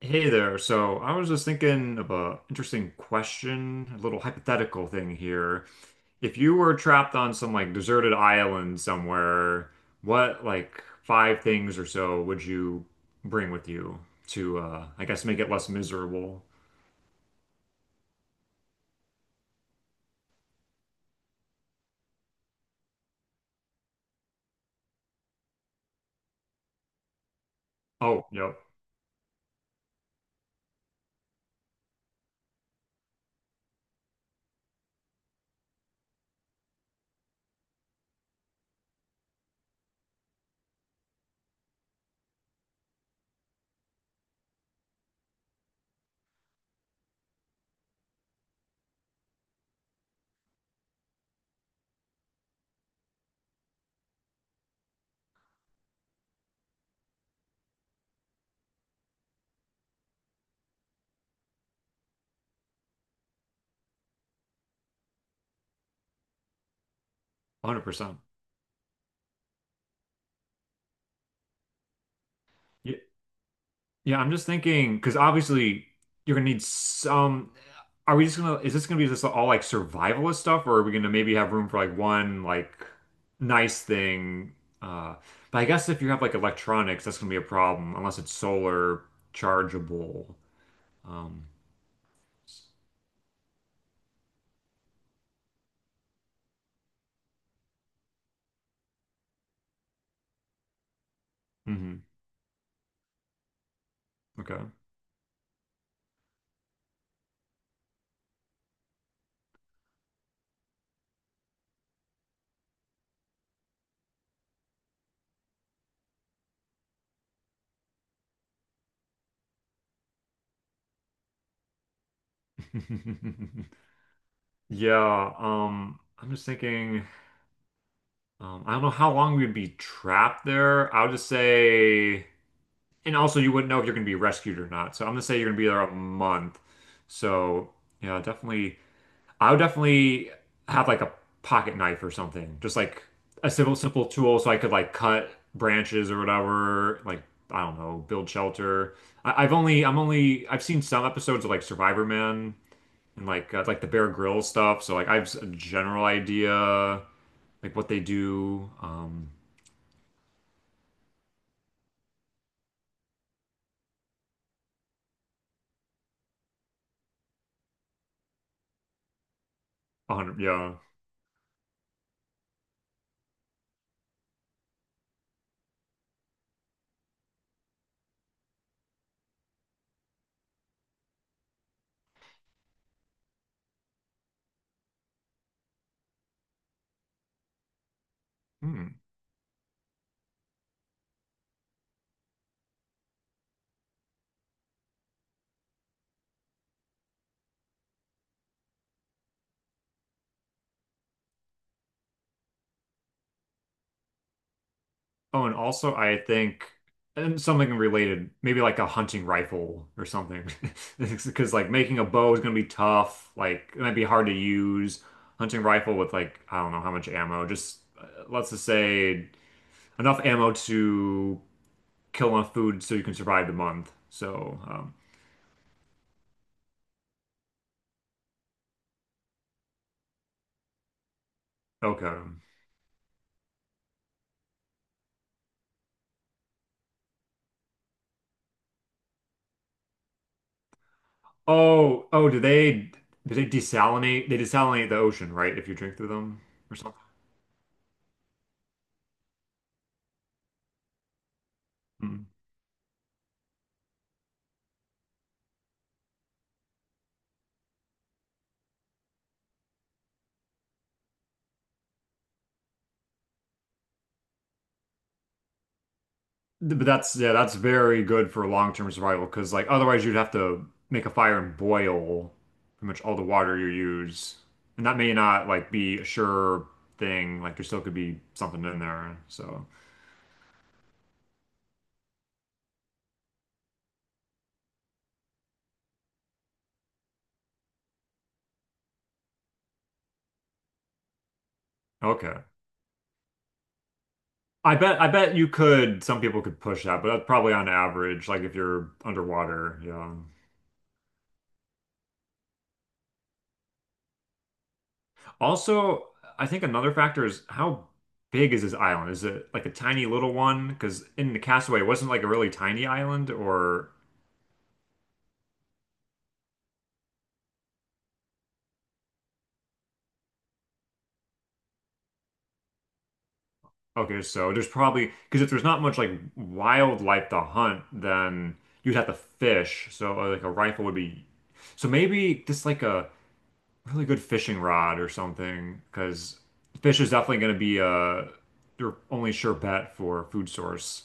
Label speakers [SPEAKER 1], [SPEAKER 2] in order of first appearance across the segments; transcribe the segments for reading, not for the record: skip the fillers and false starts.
[SPEAKER 1] Hey there. So I was just thinking of a interesting question, a little hypothetical thing here. If you were trapped on some like deserted island somewhere, what like five things or so would you bring with you to I guess make it less miserable? Oh, yep, 100%. Yeah, I'm just thinking because obviously you're gonna need some. Are we just gonna? Is this gonna be just all like survivalist stuff, or are we gonna maybe have room for like one like nice thing? Uh, but I guess if you have like electronics, that's gonna be a problem unless it's solar chargeable. Um, hmm. Okay. Yeah. I'm just thinking. I don't know how long we would be trapped there. I would just say. And also, you wouldn't know if you're going to be rescued or not. So I'm gonna say you're gonna be there a month. So yeah, definitely. I would definitely have like a pocket knife or something, just like a simple, simple tool, so I could like cut branches or whatever. Like I don't know, build shelter. I, I've only, I'm only, I've seen some episodes of like Survivor Man and like the Bear Grylls stuff. So like I have a general idea like what they do. 100, yeah. Hmm. Oh, and also I think and something related, maybe like a hunting rifle or something. Because like making a bow is gonna be tough. Like it might be hard to use. Hunting rifle with like I don't know how much ammo. Just let's just say enough ammo to kill enough food so you can survive the month. So okay. Oh, do they desalinate? They desalinate the ocean, right? If you drink through them or something. Hmm. But that's yeah, that's very good for long-term survival because like otherwise you'd have to make a fire and boil pretty much all the water you use. And that may not like be a sure thing. Like there still could be something in there. So okay. I bet you could some people could push that, but that's probably on average, like if you're underwater, yeah. Also, I think another factor is how big is this island? Is it like a tiny little one? Because in the Castaway, it wasn't like a really tiny island or okay, so there's probably because if there's not much like wildlife to hunt, then you'd have to fish. So like a rifle would be. So maybe just like a really good fishing rod or something, because fish is definitely going to be your only sure bet for food source.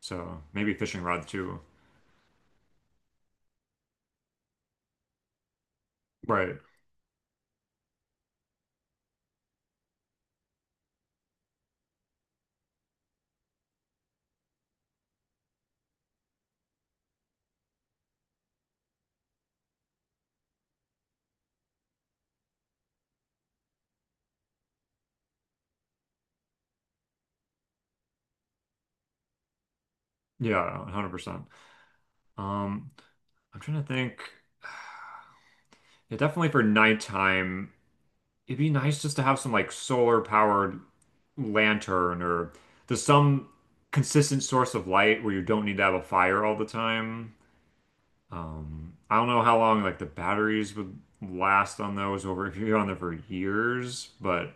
[SPEAKER 1] So maybe fishing rod too. Right. Yeah, 100%. Um, I'm trying to think. Yeah, definitely for nighttime, it'd be nice just to have some like solar powered lantern or there's some consistent source of light where you don't need to have a fire all the time. I don't know how long like the batteries would last on those over if you're on there for years, but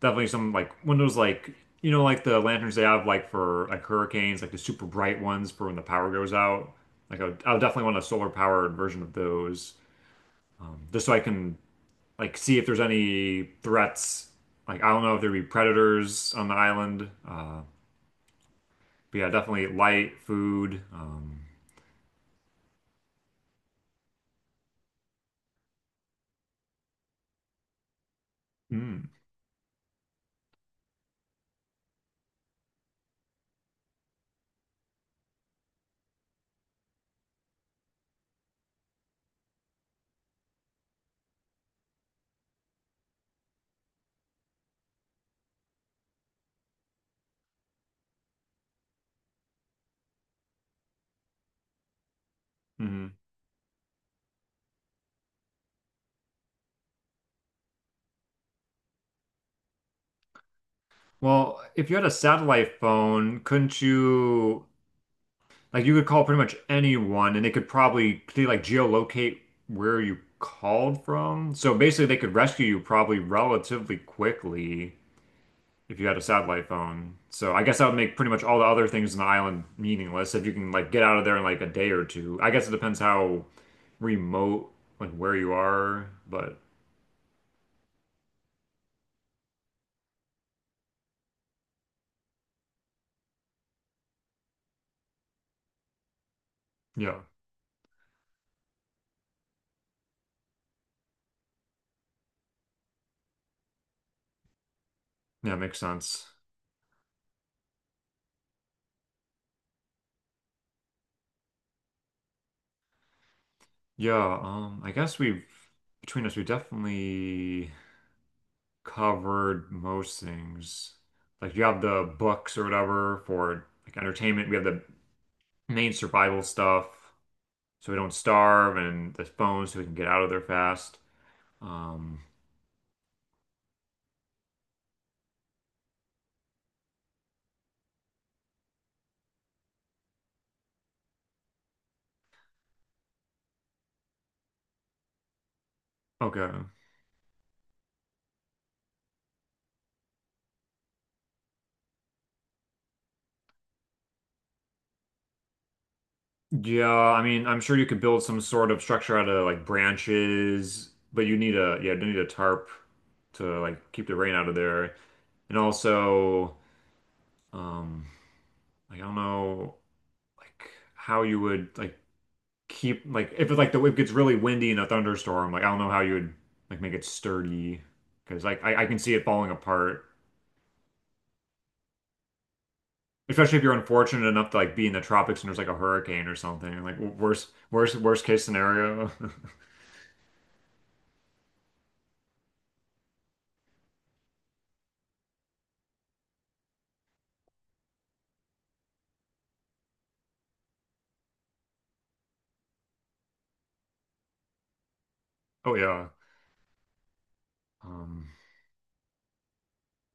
[SPEAKER 1] definitely some like one of those like like the lanterns they have like for like hurricanes, like the super bright ones for when the power goes out. Like I would definitely want a solar powered version of those just so I can like see if there's any threats. Like I don't know if there'd be predators on the island. But yeah, definitely light food. Mm, mhm. Well, if you had a satellite phone, couldn't you like you could call pretty much anyone, and they could probably could they, like geolocate where you called from? So basically, they could rescue you probably relatively quickly if you had a satellite phone. So I guess that would make pretty much all the other things in the island meaningless if you can like get out of there in like a day or two. I guess it depends how remote like where you are, but yeah, yeah, it makes sense. Yeah, I guess we've between us, we definitely covered most things. Like you have the books or whatever for like entertainment. We have the main survival stuff, so we don't starve, and the phones, so we can get out of there fast. Um, okay. Yeah, I mean, I'm sure you could build some sort of structure out of like branches, but you need a yeah, you need a tarp to like keep the rain out of there, and also, um, like, I don't know. Like how you would like keep like if it, like the it gets really windy in a thunderstorm, like I don't know how you would like make it sturdy because like I can see it falling apart. Especially if you're unfortunate enough to like be in the tropics and there's like a hurricane or something. Like worst case scenario. Oh yeah. Um,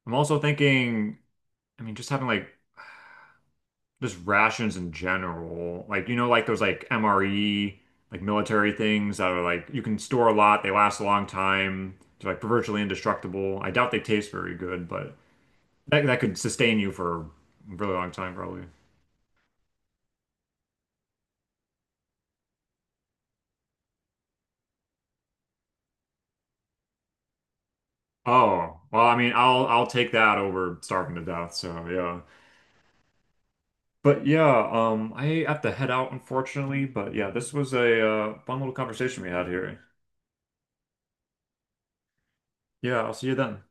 [SPEAKER 1] I'm also thinking, I mean, just having like just rations in general. Like, you know, like those like MRE, like military things that are like you can store a lot, they last a long time, they're like virtually indestructible. I doubt they taste very good, but that could sustain you for a really long time probably. Oh, well, I mean, I'll take that over starving to death, so yeah. But yeah, I have to head out unfortunately, but yeah, this was a fun little conversation we had here. Yeah, I'll see you then.